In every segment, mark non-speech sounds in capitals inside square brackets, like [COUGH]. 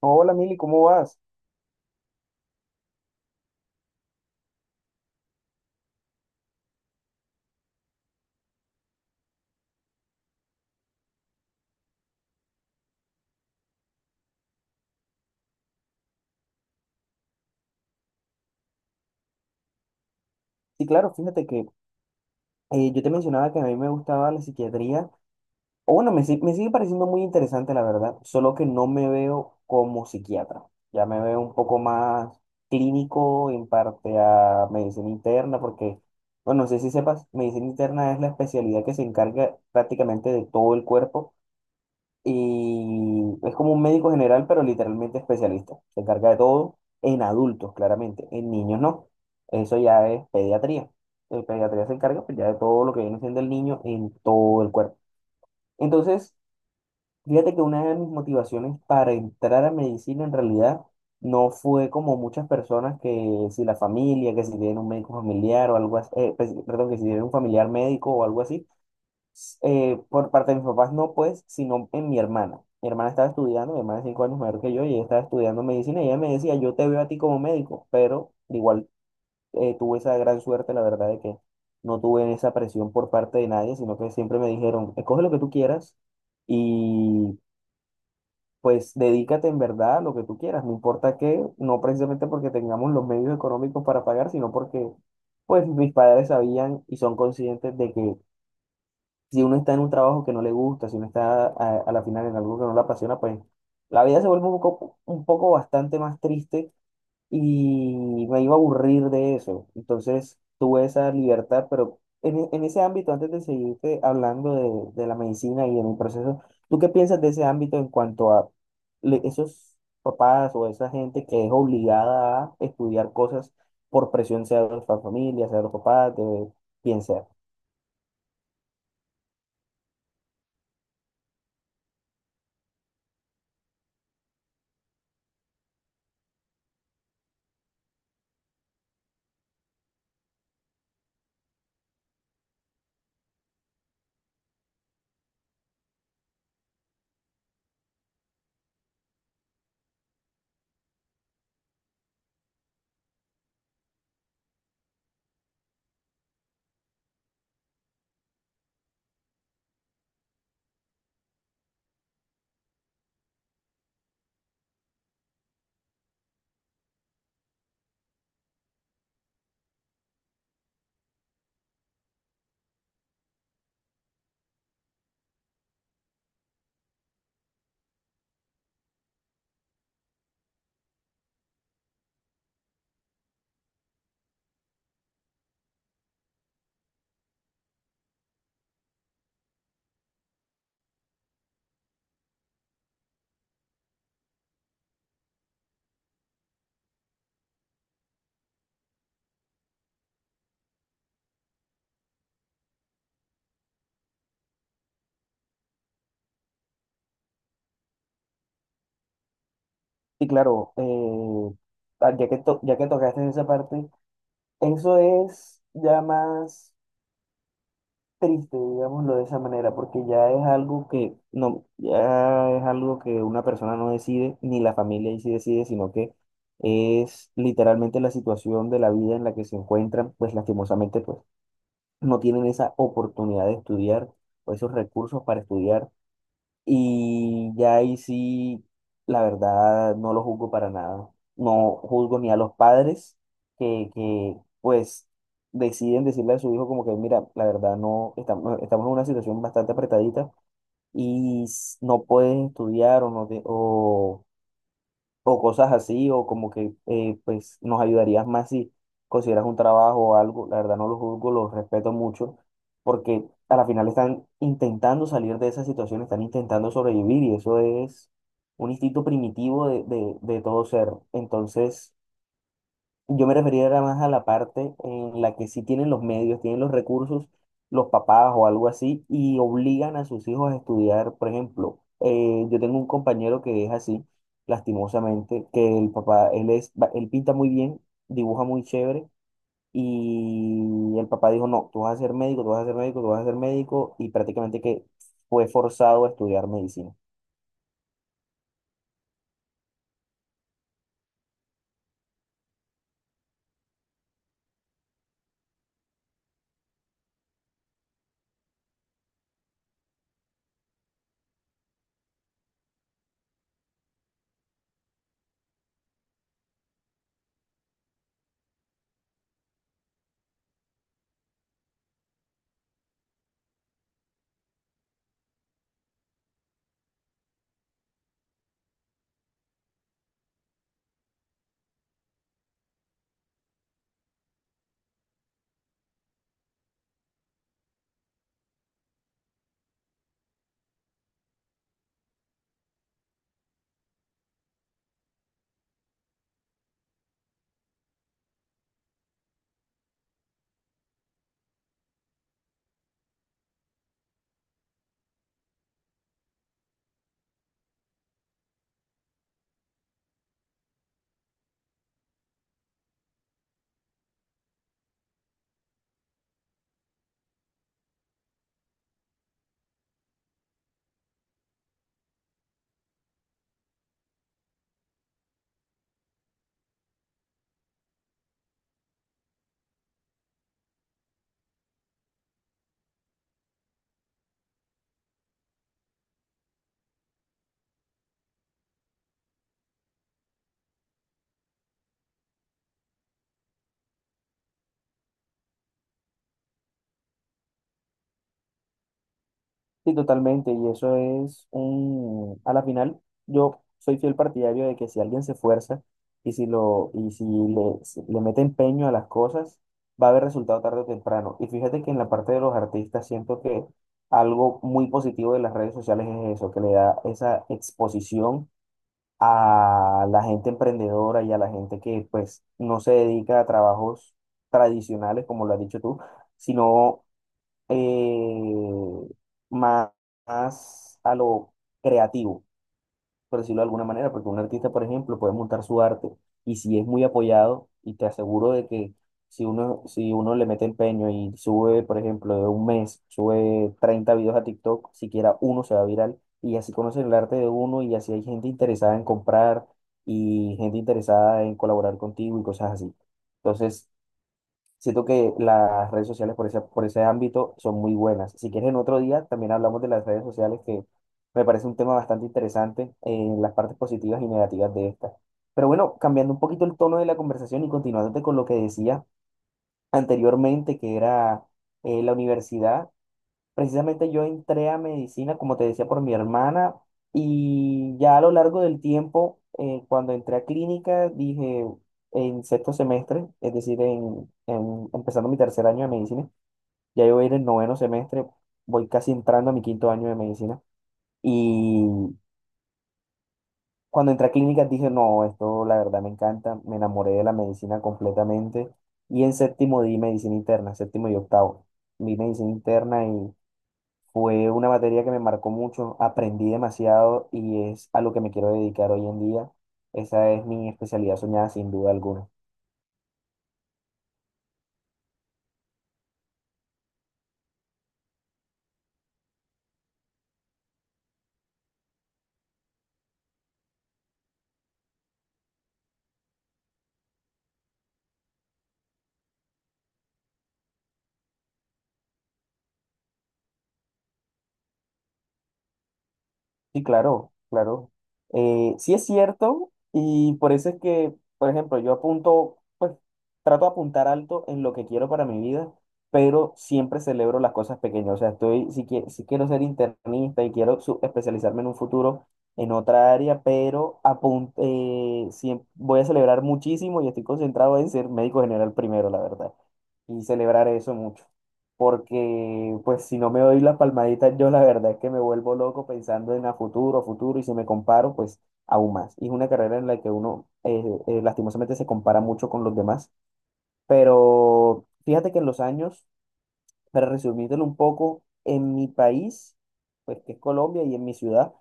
Hola Mili, ¿cómo vas? Sí, claro, fíjate que yo te mencionaba que a mí me gustaba la psiquiatría, o bueno, me, si- me sigue pareciendo muy interesante la verdad, solo que no me veo como psiquiatra, ya me veo un poco más clínico en parte a medicina interna, porque, bueno, no sé si sepas, medicina interna es la especialidad que se encarga prácticamente de todo el cuerpo y es como un médico general, pero literalmente especialista. Se encarga de todo en adultos, claramente. En niños no. Eso ya es pediatría. El pediatría se encarga pues, ya de todo lo que viene siendo el niño en todo el cuerpo. Entonces, fíjate que una de mis motivaciones para entrar a medicina en realidad no fue como muchas personas que si la familia, que si tienen un médico familiar o algo así, pues, perdón, que si tienen un familiar médico o algo así por parte de mis papás no, pues, sino en mi hermana. Mi hermana estaba estudiando, mi hermana es 5 años mayor que yo, y ella estaba estudiando medicina, y ella me decía, yo te veo a ti como médico, pero igual tuve esa gran suerte, la verdad, de que no tuve esa presión por parte de nadie, sino que siempre me dijeron, escoge lo que tú quieras y pues dedícate en verdad a lo que tú quieras, no importa qué, no precisamente porque tengamos los medios económicos para pagar, sino porque pues mis padres sabían y son conscientes de que si uno está en un trabajo que no le gusta, si uno está a la final en algo que no le apasiona, pues la vida se vuelve un poco bastante más triste y me iba a aburrir de eso. Entonces tuve esa libertad, pero en ese ámbito, antes de seguirte hablando de la medicina y de mi proceso, ¿tú qué piensas de ese ámbito en cuanto a esos papás o esa gente que es obligada a estudiar cosas por presión, sea de la familia, sea de los papás, de quien sea? Y claro, ah, ya que tocaste esa parte, eso es ya más triste, digámoslo de esa manera, porque ya es algo que no, ya es algo que una persona no decide, ni la familia ahí sí decide, sino que es literalmente la situación de la vida en la que se encuentran, pues lastimosamente, pues no tienen esa oportunidad de estudiar o esos recursos para estudiar y ya ahí sí, la verdad, no lo juzgo para nada. No juzgo ni a los padres que pues, deciden decirle a su hijo como que, mira, la verdad, no, estamos en una situación bastante apretadita y no puedes estudiar o no te, o cosas así, o como que pues nos ayudarías más si consideras un trabajo o algo. La verdad no los juzgo, los respeto mucho, porque a la final están intentando salir de esa situación, están intentando sobrevivir y eso es un instinto primitivo de todo ser. Entonces. Yo me refería era más a la parte en la que sí tienen los medios, tienen los recursos, los papás o algo así, y obligan a sus hijos a estudiar. Por ejemplo, yo tengo un compañero que es así, lastimosamente, que el papá, él pinta muy bien, dibuja muy chévere, y el papá dijo, no, tú vas a ser médico, tú vas a ser médico, tú vas a ser médico, y prácticamente que fue forzado a estudiar medicina. Sí, totalmente, y eso es un, a la final, yo soy fiel partidario de que si alguien se esfuerza y si lo, y si le, si le mete empeño a las cosas, va a haber resultado tarde o temprano. Y fíjate que en la parte de los artistas siento que algo muy positivo de las redes sociales es eso, que le da esa exposición a la gente emprendedora y a la gente que pues no se dedica a trabajos tradicionales, como lo has dicho tú, sino eh, más, más a lo creativo, por decirlo de alguna manera, porque un artista, por ejemplo, puede montar su arte y si es muy apoyado, y te aseguro de que si uno le mete empeño y sube, por ejemplo, de un mes, sube 30 videos a TikTok, siquiera uno se va viral y así conocen el arte de uno y así hay gente interesada en comprar y gente interesada en colaborar contigo y cosas así. Entonces, siento que las redes sociales por ese ámbito son muy buenas. Si quieres, en otro día también hablamos de las redes sociales, que me parece un tema bastante interesante en las partes positivas y negativas de estas. Pero bueno, cambiando un poquito el tono de la conversación y continuándote con lo que decía anteriormente, que era la universidad. Precisamente yo entré a medicina, como te decía, por mi hermana y ya a lo largo del tiempo, cuando entré a clínica, dije en sexto semestre, es decir, empezando mi tercer año de medicina, ya yo voy a ir en noveno semestre, voy casi entrando a mi quinto año de medicina. Y cuando entré a clínica dije, no, esto la verdad me encanta, me enamoré de la medicina completamente. Y en séptimo di medicina interna, séptimo y octavo. Vi medicina interna fue una materia que me marcó mucho, aprendí demasiado y es a lo que me quiero dedicar hoy en día. Esa es mi especialidad soñada sin duda alguna. Sí, claro, claro. Sí es cierto y por eso es que, por ejemplo, yo apunto, pues trato de apuntar alto en lo que quiero para mi vida, pero siempre celebro las cosas pequeñas. O sea, estoy, si, quie- si quiero ser internista y quiero especializarme en un futuro en otra área, pero voy a celebrar muchísimo y estoy concentrado en ser médico general primero, la verdad, y celebrar eso mucho porque pues si no me doy la palmadita, yo la verdad es que me vuelvo loco pensando en a futuro, futuro, y si me comparo, pues aún más. Y es una carrera en la que uno lastimosamente se compara mucho con los demás, pero fíjate que en los años, para resumírtelo un poco, en mi país, pues que es Colombia y en mi ciudad,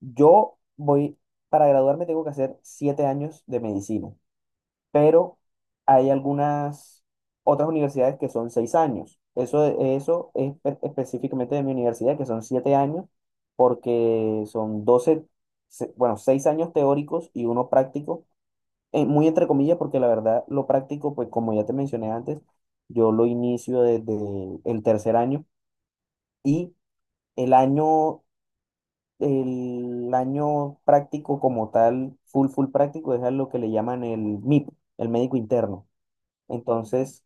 yo voy, para graduarme tengo que hacer 7 años de medicina pero hay algunas otras universidades que son 6 años. Eso es específicamente de mi universidad, que son 7 años, porque son 6 años teóricos y uno práctico, muy entre comillas, porque la verdad lo práctico, pues como ya te mencioné antes, yo lo inicio desde el tercer año y el año. El año práctico como tal, full práctico, es a lo que le llaman el MIP, el médico interno. Entonces,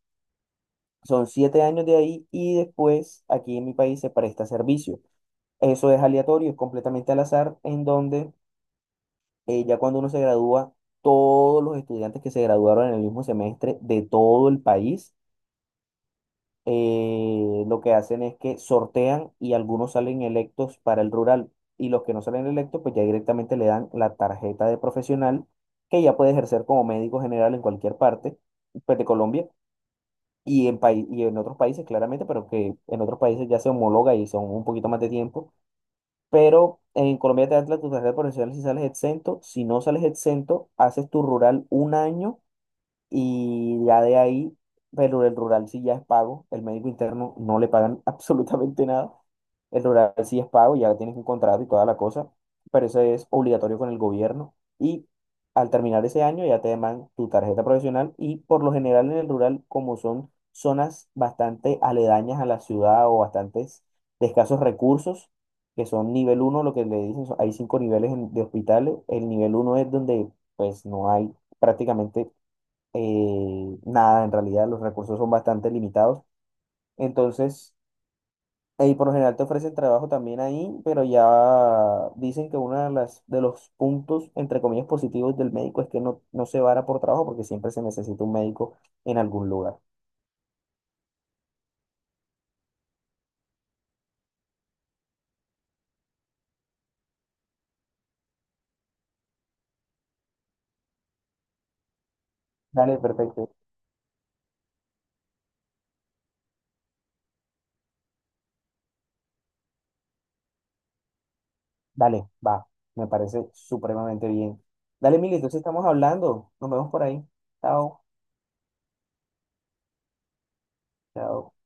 son 7 años de ahí y después aquí en mi país se presta servicio. Eso es aleatorio, es completamente al azar, en donde ya cuando uno se gradúa, todos los estudiantes que se graduaron en el mismo semestre de todo el país, lo que hacen es que sortean y algunos salen electos para el rural y los que no salen electos, pues ya directamente le dan la tarjeta de profesional que ya puede ejercer como médico general en cualquier parte, pues, de Colombia y y en otros países, claramente, pero que en otros países ya se homologa y son un poquito más de tiempo. Pero en Colombia te dan la tu tarjeta profesional si sales exento. Si no sales exento, haces tu rural un año y ya de ahí, pero el rural sí ya es pago, el médico interno no le pagan [LAUGHS] absolutamente nada. El rural sí es pago, ya tienes un contrato y toda la cosa, pero eso es obligatorio con el gobierno. Y al terminar ese año ya te deman tu tarjeta profesional y por lo general en el rural, como son zonas bastante aledañas a la ciudad o bastantes de escasos recursos, que son nivel uno lo que le dicen, hay cinco niveles de hospitales. El nivel uno es donde pues no hay prácticamente nada, en realidad los recursos son bastante limitados. Entonces, ahí por lo general te ofrecen trabajo también ahí, pero ya dicen que uno de los puntos, entre comillas, positivos del médico es que no, no se vara por trabajo porque siempre se necesita un médico en algún lugar. Dale, perfecto. Dale, va. Me parece supremamente bien. Dale, Mili, entonces estamos hablando. Nos vemos por ahí. Chao. Chao.